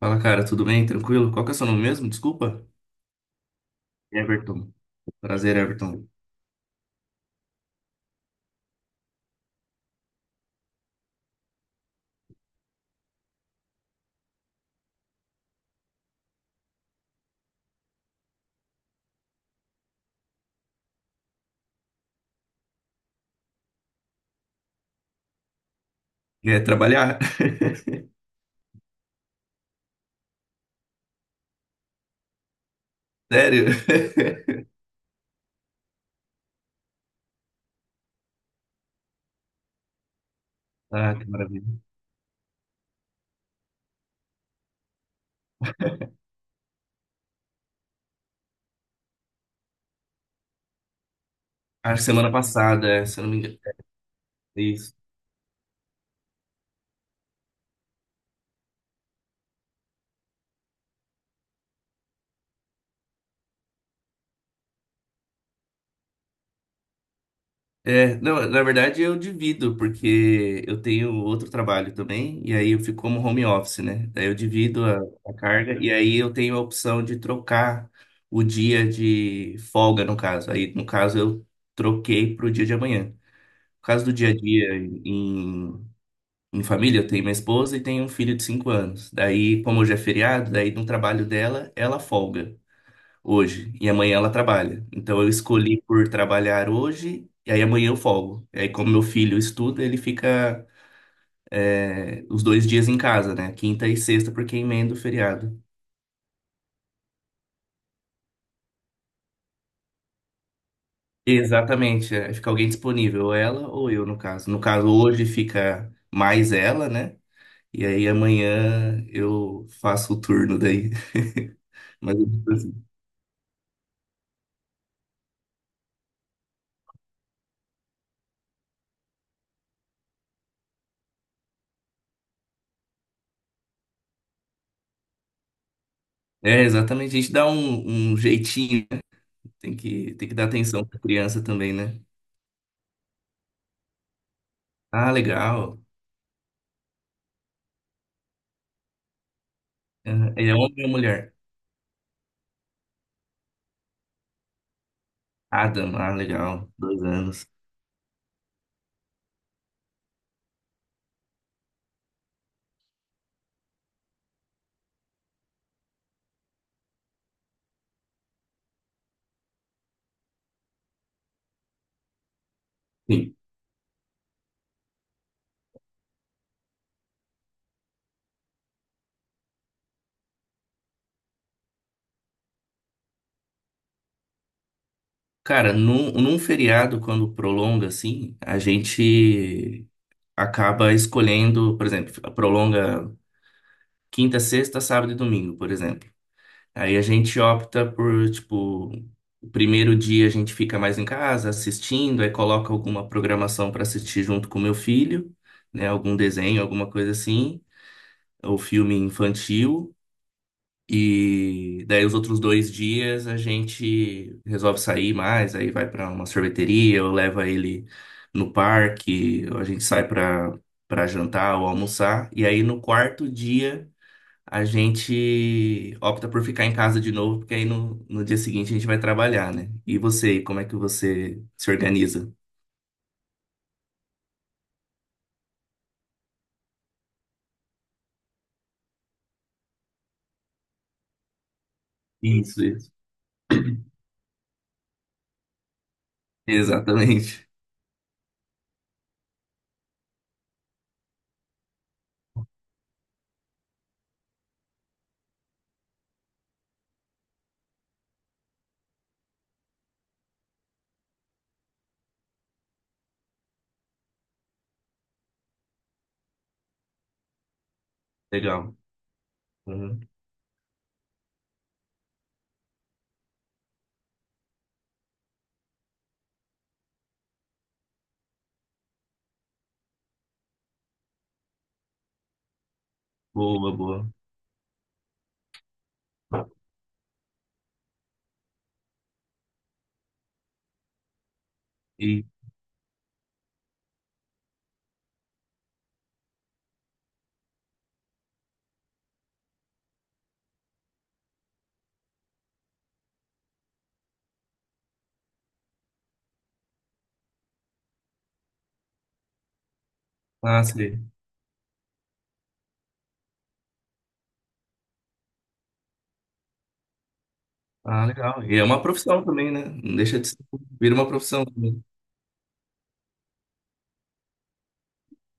Fala, cara, tudo bem? Tranquilo? Qual que é o seu nome mesmo? Desculpa. Everton. Prazer, Everton. É trabalhar? Sério? Ah, que maravilha. Acho que semana passada, é, se eu não me engano. Isso. Não, na verdade eu divido, porque eu tenho outro trabalho também, e aí eu fico como home office, né? Daí eu divido a carga, e aí eu tenho a opção de trocar o dia de folga, no caso. Aí, no caso, eu troquei para o dia de amanhã. No caso do dia a dia em, em família, eu tenho minha esposa e tenho um filho de 5 anos. Daí, como hoje é feriado, daí no trabalho dela, ela folga hoje e amanhã ela trabalha. Então eu escolhi por trabalhar hoje e aí amanhã eu folgo. E aí, como meu filho estuda, ele fica os dois dias em casa, né? Quinta e sexta, porque emenda o feriado. Exatamente, é, fica alguém disponível, ou ela ou eu, no caso. No caso, hoje fica mais ela, né? E aí amanhã eu faço o turno daí. Mas eu digo assim, é exatamente, a gente dá um jeitinho, né? Tem que dar atenção pra criança também, né? Ah, legal. Ah, ele é homem ou mulher? Adam, ah, legal, dois anos. Sim. Cara, num feriado, quando prolonga assim, a gente acaba escolhendo, por exemplo, prolonga quinta, sexta, sábado e domingo, por exemplo. Aí a gente opta por, tipo, o primeiro dia a gente fica mais em casa assistindo, aí coloca alguma programação para assistir junto com o meu filho, né? Algum desenho, alguma coisa assim, ou filme infantil. E daí os outros dois dias a gente resolve sair mais, aí vai pra uma sorveteria, eu levo ele no parque, ou a gente sai pra para jantar ou almoçar. E aí no quarto dia a gente opta por ficar em casa de novo, porque aí no dia seguinte a gente vai trabalhar, né? E você, como é que você se organiza? Isso, isso. Exatamente. Legal. Uhum. Boa, boa. E ah, sei. Ah, legal. E é uma profissão também, né? Não deixa de ser. Vira uma profissão também.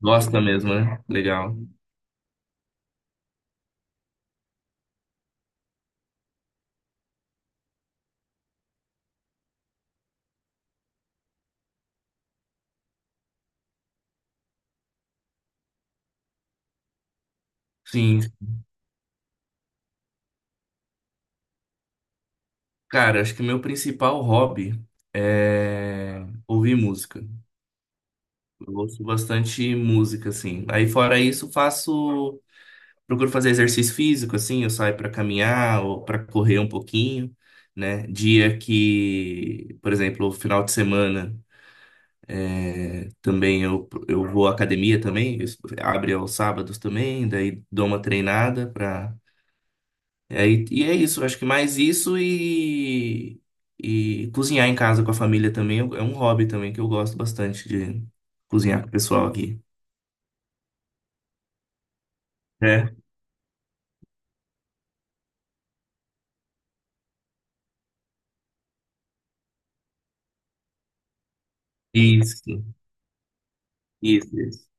Gosta mesmo, né? Legal. Sim. Cara, acho que meu principal hobby é ouvir música. Eu ouço bastante música, assim. Aí, fora isso, faço. Procuro fazer exercício físico, assim. Eu saio pra caminhar ou pra correr um pouquinho, né? Dia que, por exemplo, final de semana. É, também eu vou à academia também, isso abre aos sábados também, daí dou uma treinada pra. E é isso, acho que mais isso e cozinhar em casa com a família também é um hobby também que eu gosto bastante de cozinhar com o pessoal aqui. É, isso, isso.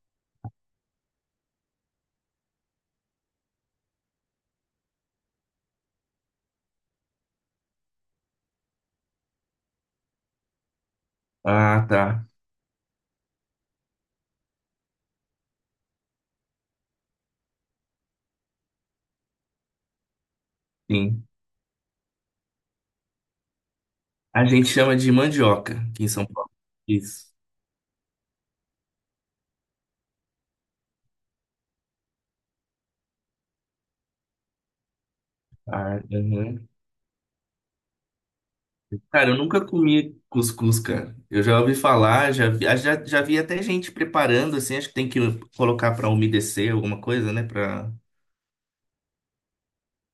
Ah, tá, sim. A gente chama de mandioca aqui em São Paulo. Isso. Ah, uhum. Cara, eu nunca comi cuscuz, cara. Eu já ouvi falar, já vi, ah, já vi até gente preparando, assim, acho que tem que colocar pra umedecer alguma coisa, né? Pra,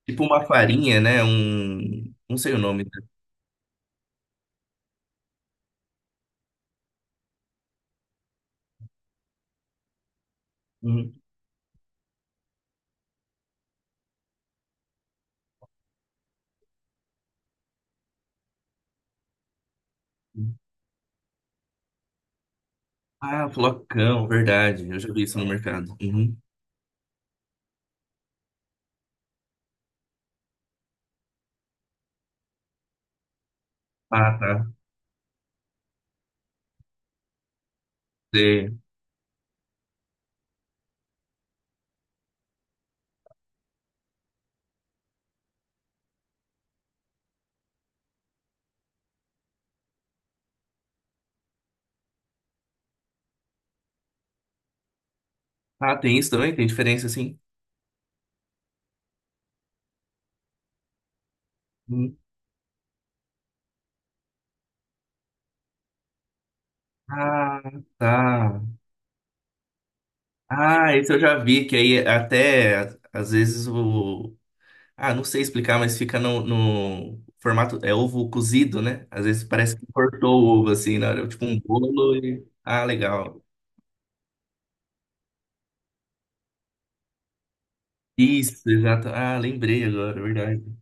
tipo uma farinha, né? Um, não sei o nome. Né? Uhum. Ah, flocão, verdade. Eu já vi isso no mercado. Uhum. Ah, tá. Sei. Ah, tem isso também? Tem diferença, assim? Uhum. Ah, tá. Ah, esse eu já vi, que aí até, às vezes, o ah, não sei explicar, mas fica no formato. É ovo cozido, né? Às vezes parece que cortou o ovo assim, na hora, tipo um bolo e. Ah, legal. Isso, exato. Ah, lembrei agora, é verdade.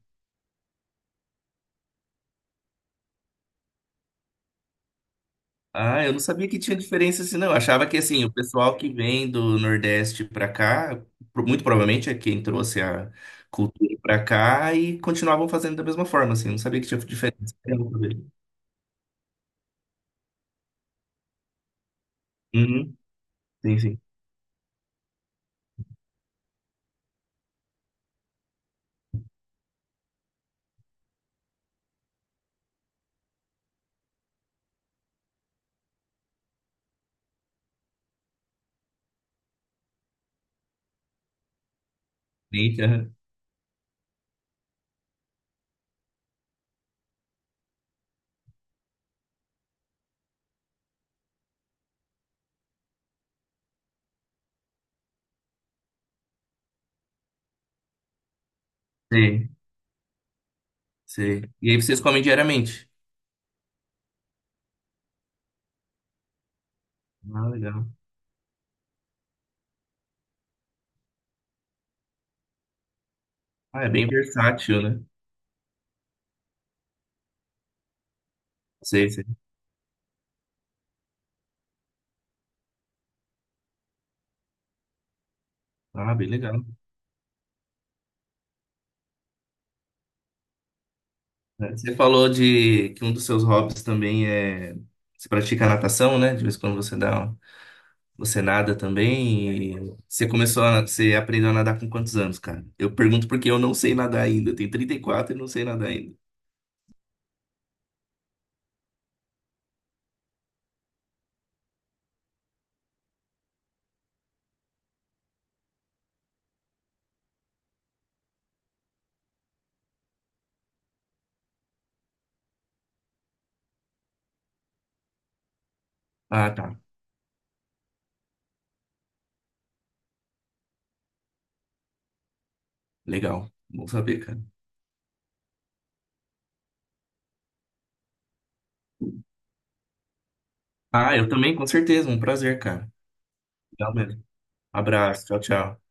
Ah, eu não sabia que tinha diferença assim, não. Eu achava que assim, o pessoal que vem do Nordeste pra cá, muito provavelmente é quem trouxe a cultura pra cá e continuavam fazendo da mesma forma, assim. Eu não sabia que tinha diferença. Eu não sabia. Uhum, sim. Eita, sei, sei. E aí vocês comem diariamente? Ah, legal. Ah, é bem versátil, né? Sei, sei. Ah, bem legal. É, você falou de que um dos seus hobbies também é você pratica natação, né? De vez em quando você dá, um- você nada também. E você começou a, você aprendeu a nadar com quantos anos, cara? Eu pergunto porque eu não sei nadar ainda. Eu tenho 34 e quatro e não sei nadar ainda. Ah, tá. Legal. Bom saber, cara. Ah, eu também, com certeza. Um prazer, cara. Legal mesmo. Abraço. Tchau, tchau.